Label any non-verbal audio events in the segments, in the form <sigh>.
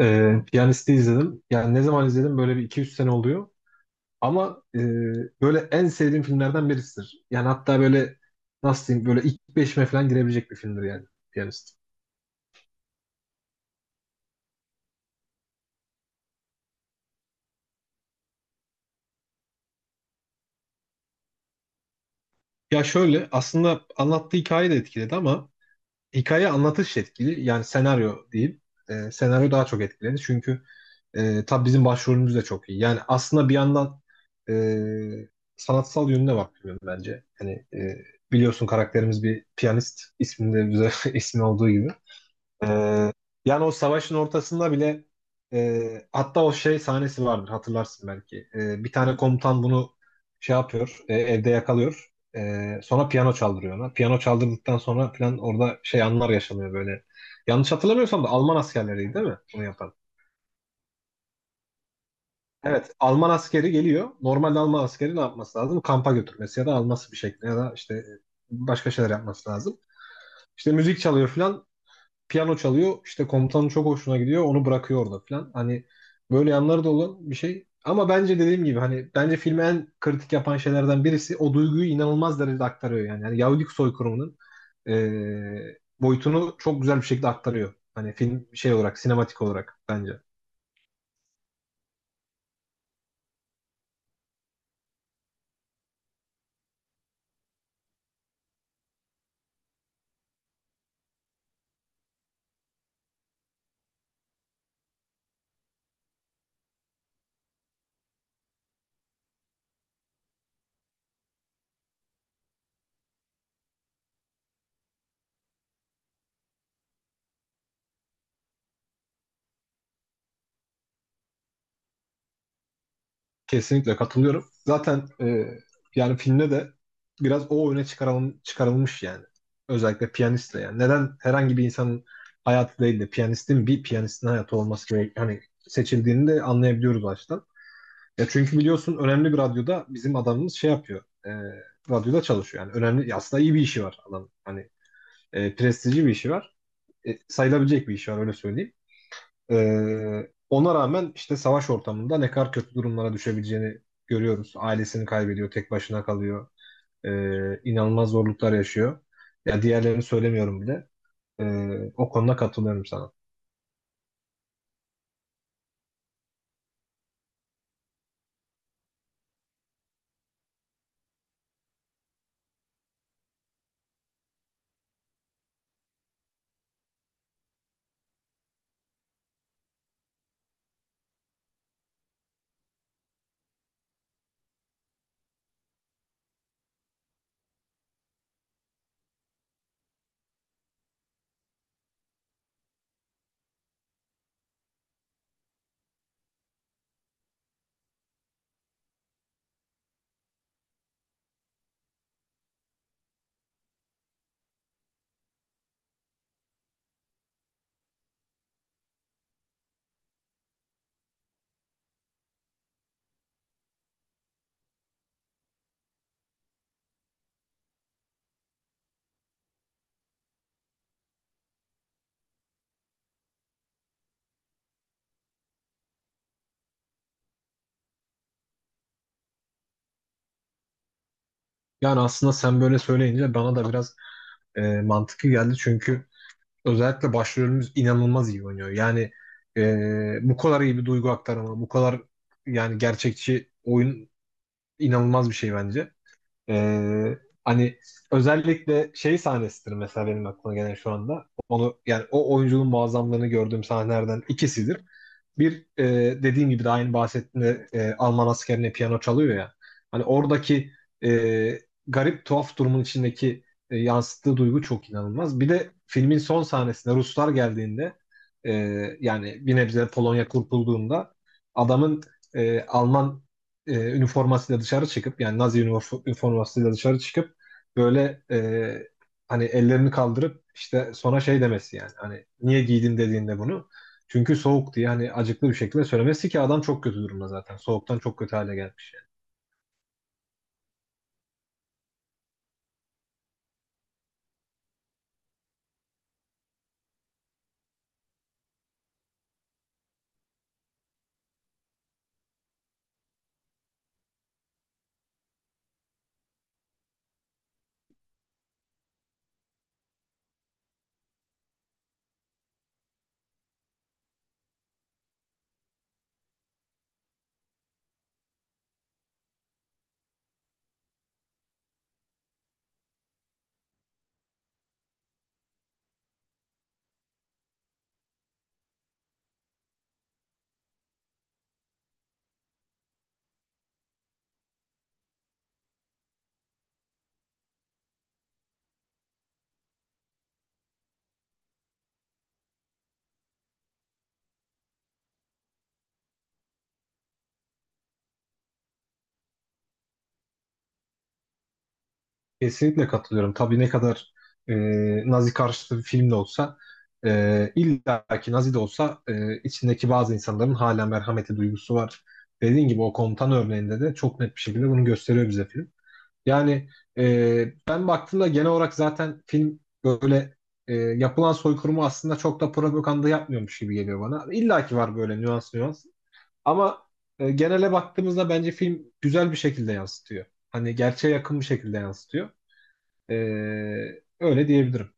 Piyanist'i izledim. Yani ne zaman izledim böyle bir iki üç sene oluyor. Ama böyle en sevdiğim filmlerden birisidir. Yani hatta böyle nasıl diyeyim böyle ilk 5'ime falan girebilecek bir filmdir yani Piyanist. Ya şöyle aslında anlattığı hikaye de etkiledi ama hikaye anlatış etkili. Yani senaryo değil. Senaryo daha çok etkiledi. Çünkü tabii bizim başvurumuz da çok iyi. Yani aslında bir yandan e, sanatsal yönüne bakıyorum bence. Hani biliyorsun karakterimiz bir piyanist isminde güzel <laughs> ismi olduğu gibi. E, yani o savaşın ortasında bile hatta o şey sahnesi vardır hatırlarsın belki. Bir tane komutan bunu şey yapıyor, evde yakalıyor. Sonra piyano çaldırıyor ona. Piyano çaldırdıktan sonra falan orada şey anlar yaşanıyor böyle. Yanlış hatırlamıyorsam da Alman askerleriydi değil mi bunu yapan? Evet, Alman askeri geliyor. Normalde Alman askeri ne yapması lazım? Kampa götürmesi ya da alması bir şekilde ya da işte başka şeyler yapması lazım. İşte müzik çalıyor falan, piyano çalıyor. İşte komutanın çok hoşuna gidiyor, onu bırakıyor orada falan. Hani böyle yanları da olan bir şey. Ama bence dediğim gibi hani bence filmi en kritik yapan şeylerden birisi o duyguyu inanılmaz derecede aktarıyor yani. Yani Yahudilik soykırımının boyutunu çok güzel bir şekilde aktarıyor. Hani film şey olarak, sinematik olarak bence. Kesinlikle katılıyorum. Zaten yani filmde de biraz o çıkarılmış yani. Özellikle piyanistle yani. Neden herhangi bir insanın hayatı değil de bir piyanistin hayatı hani seçildiğini de anlayabiliyoruz baştan. Ya çünkü biliyorsun önemli bir radyoda bizim adamımız şey yapıyor. Radyoda çalışıyor yani. Önemli aslında iyi bir işi var adam. Hani prestijli bir işi var. Sayılabilecek bir işi var öyle söyleyeyim. Ona rağmen işte savaş ortamında ne kadar kötü durumlara düşebileceğini görüyoruz. Ailesini kaybediyor, tek başına kalıyor. İnanılmaz zorluklar yaşıyor. Ya diğerlerini söylemiyorum bile. O konuda katılıyorum sana. Yani aslında sen böyle söyleyince bana da biraz mantıklı geldi çünkü özellikle başrolümüz inanılmaz iyi oynuyor. Yani bu kadar iyi bir duygu aktarımı, bu kadar yani gerçekçi oyun inanılmaz bir şey bence. Ee, hani özellikle şey sahnesidir mesela benim aklıma gelen şu anda. Onu yani o oyuncunun muazzamlığını gördüğüm sahnelerden ikisidir. Bir e, dediğim gibi de aynı bahsettiğimde, Alman askerine piyano çalıyor ya. Hani oradaki e, garip tuhaf durumun içindeki yansıttığı duygu çok inanılmaz. Bir de filmin son sahnesinde Ruslar geldiğinde e, yani bir nebze Polonya kurtulduğunda adamın, Alman üniformasıyla dışarı çıkıp yani Nazi üniformasıyla dışarı çıkıp böyle hani ellerini kaldırıp işte sonra şey demesi yani hani niye giydin dediğinde bunu çünkü soğuk diye hani acıklı bir şekilde söylemesi ki adam çok kötü durumda zaten. Soğuktan çok kötü hale gelmiş yani. Kesinlikle katılıyorum. Tabii ne kadar e, Nazi karşıtı bir film de olsa, illa ki Nazi de olsa, içindeki bazı insanların hala merhameti duygusu var. Dediğin gibi o komutan örneğinde de çok net bir şekilde bunu gösteriyor bize film. Yani ben baktığımda genel olarak zaten film böyle yapılan soykırımı aslında çok da propaganda yapmıyormuş gibi geliyor bana. İlla ki var böyle nüans nüans. Ama genele baktığımızda bence film güzel bir şekilde yansıtıyor. Hani gerçeğe yakın bir şekilde yansıtıyor. E, öyle diyebilirim.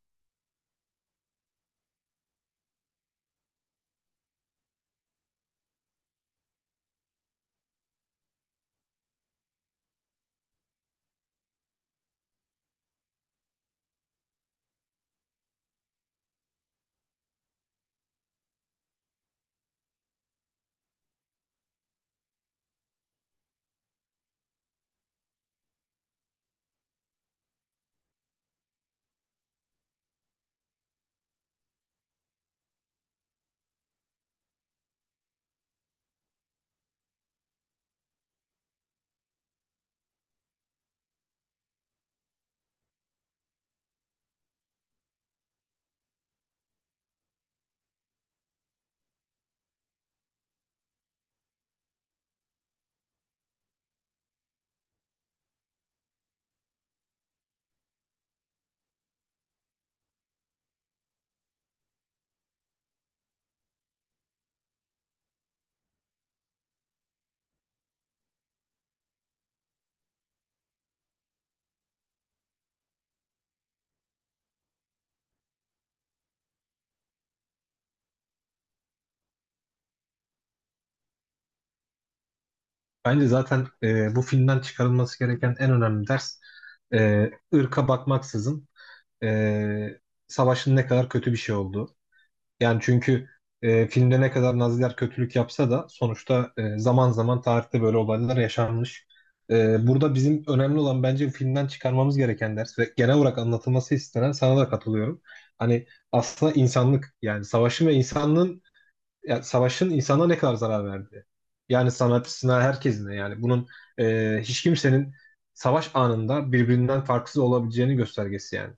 Bence zaten bu filmden çıkarılması gereken en önemli ders, ırka bakmaksızın e, savaşın ne kadar kötü bir şey olduğu. Yani çünkü filmde ne kadar Naziler kötülük yapsa da sonuçta, zaman zaman tarihte böyle olaylar yaşanmış. Burada bizim önemli olan bence filmden çıkarmamız gereken ders ve genel olarak anlatılması istenen sana da katılıyorum. Hani aslında insanlık yani savaşın ve insanlığın yani savaşın insana ne kadar zarar verdiği. Yani sanatçısına herkesine yani bunun hiç kimsenin savaş anında birbirinden farksız olabileceğini göstergesi yani.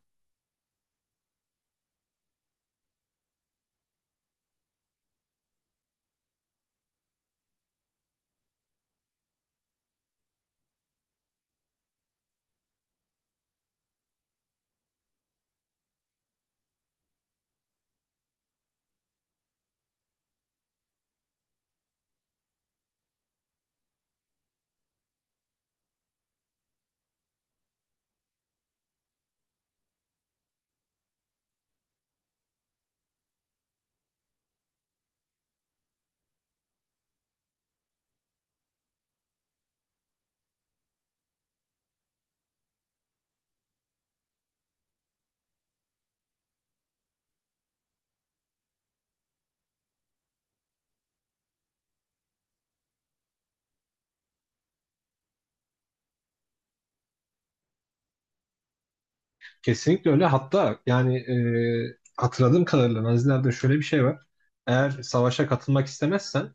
Kesinlikle öyle. Hatta yani hatırladığım kadarıyla Nazilerde şöyle bir şey var. Eğer savaşa katılmak istemezsen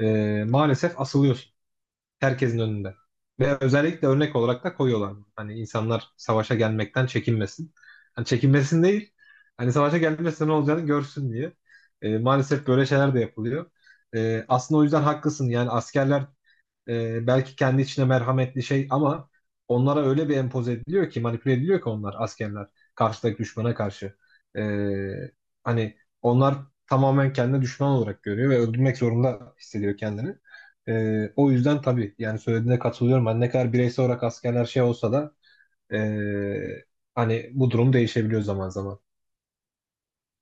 maalesef asılıyorsun herkesin önünde. Ve özellikle örnek olarak da koyuyorlar. Hani insanlar savaşa gelmekten çekinmesin. Hani çekinmesin değil, hani savaşa gelmesi ne olacağını görsün diye. Maalesef böyle şeyler de yapılıyor. Aslında o yüzden haklısın. Yani askerler belki kendi içine merhametli şey ama onlara öyle bir empoze ediliyor ki manipüle ediliyor ki onlar askerler karşıdaki düşmana karşı. E, hani onlar tamamen kendini düşman olarak görüyor ve öldürmek zorunda hissediyor kendini. O yüzden tabii yani söylediğine katılıyorum. Hani ne kadar bireysel olarak askerler şey olsa da e, hani bu durum değişebiliyor zaman zaman.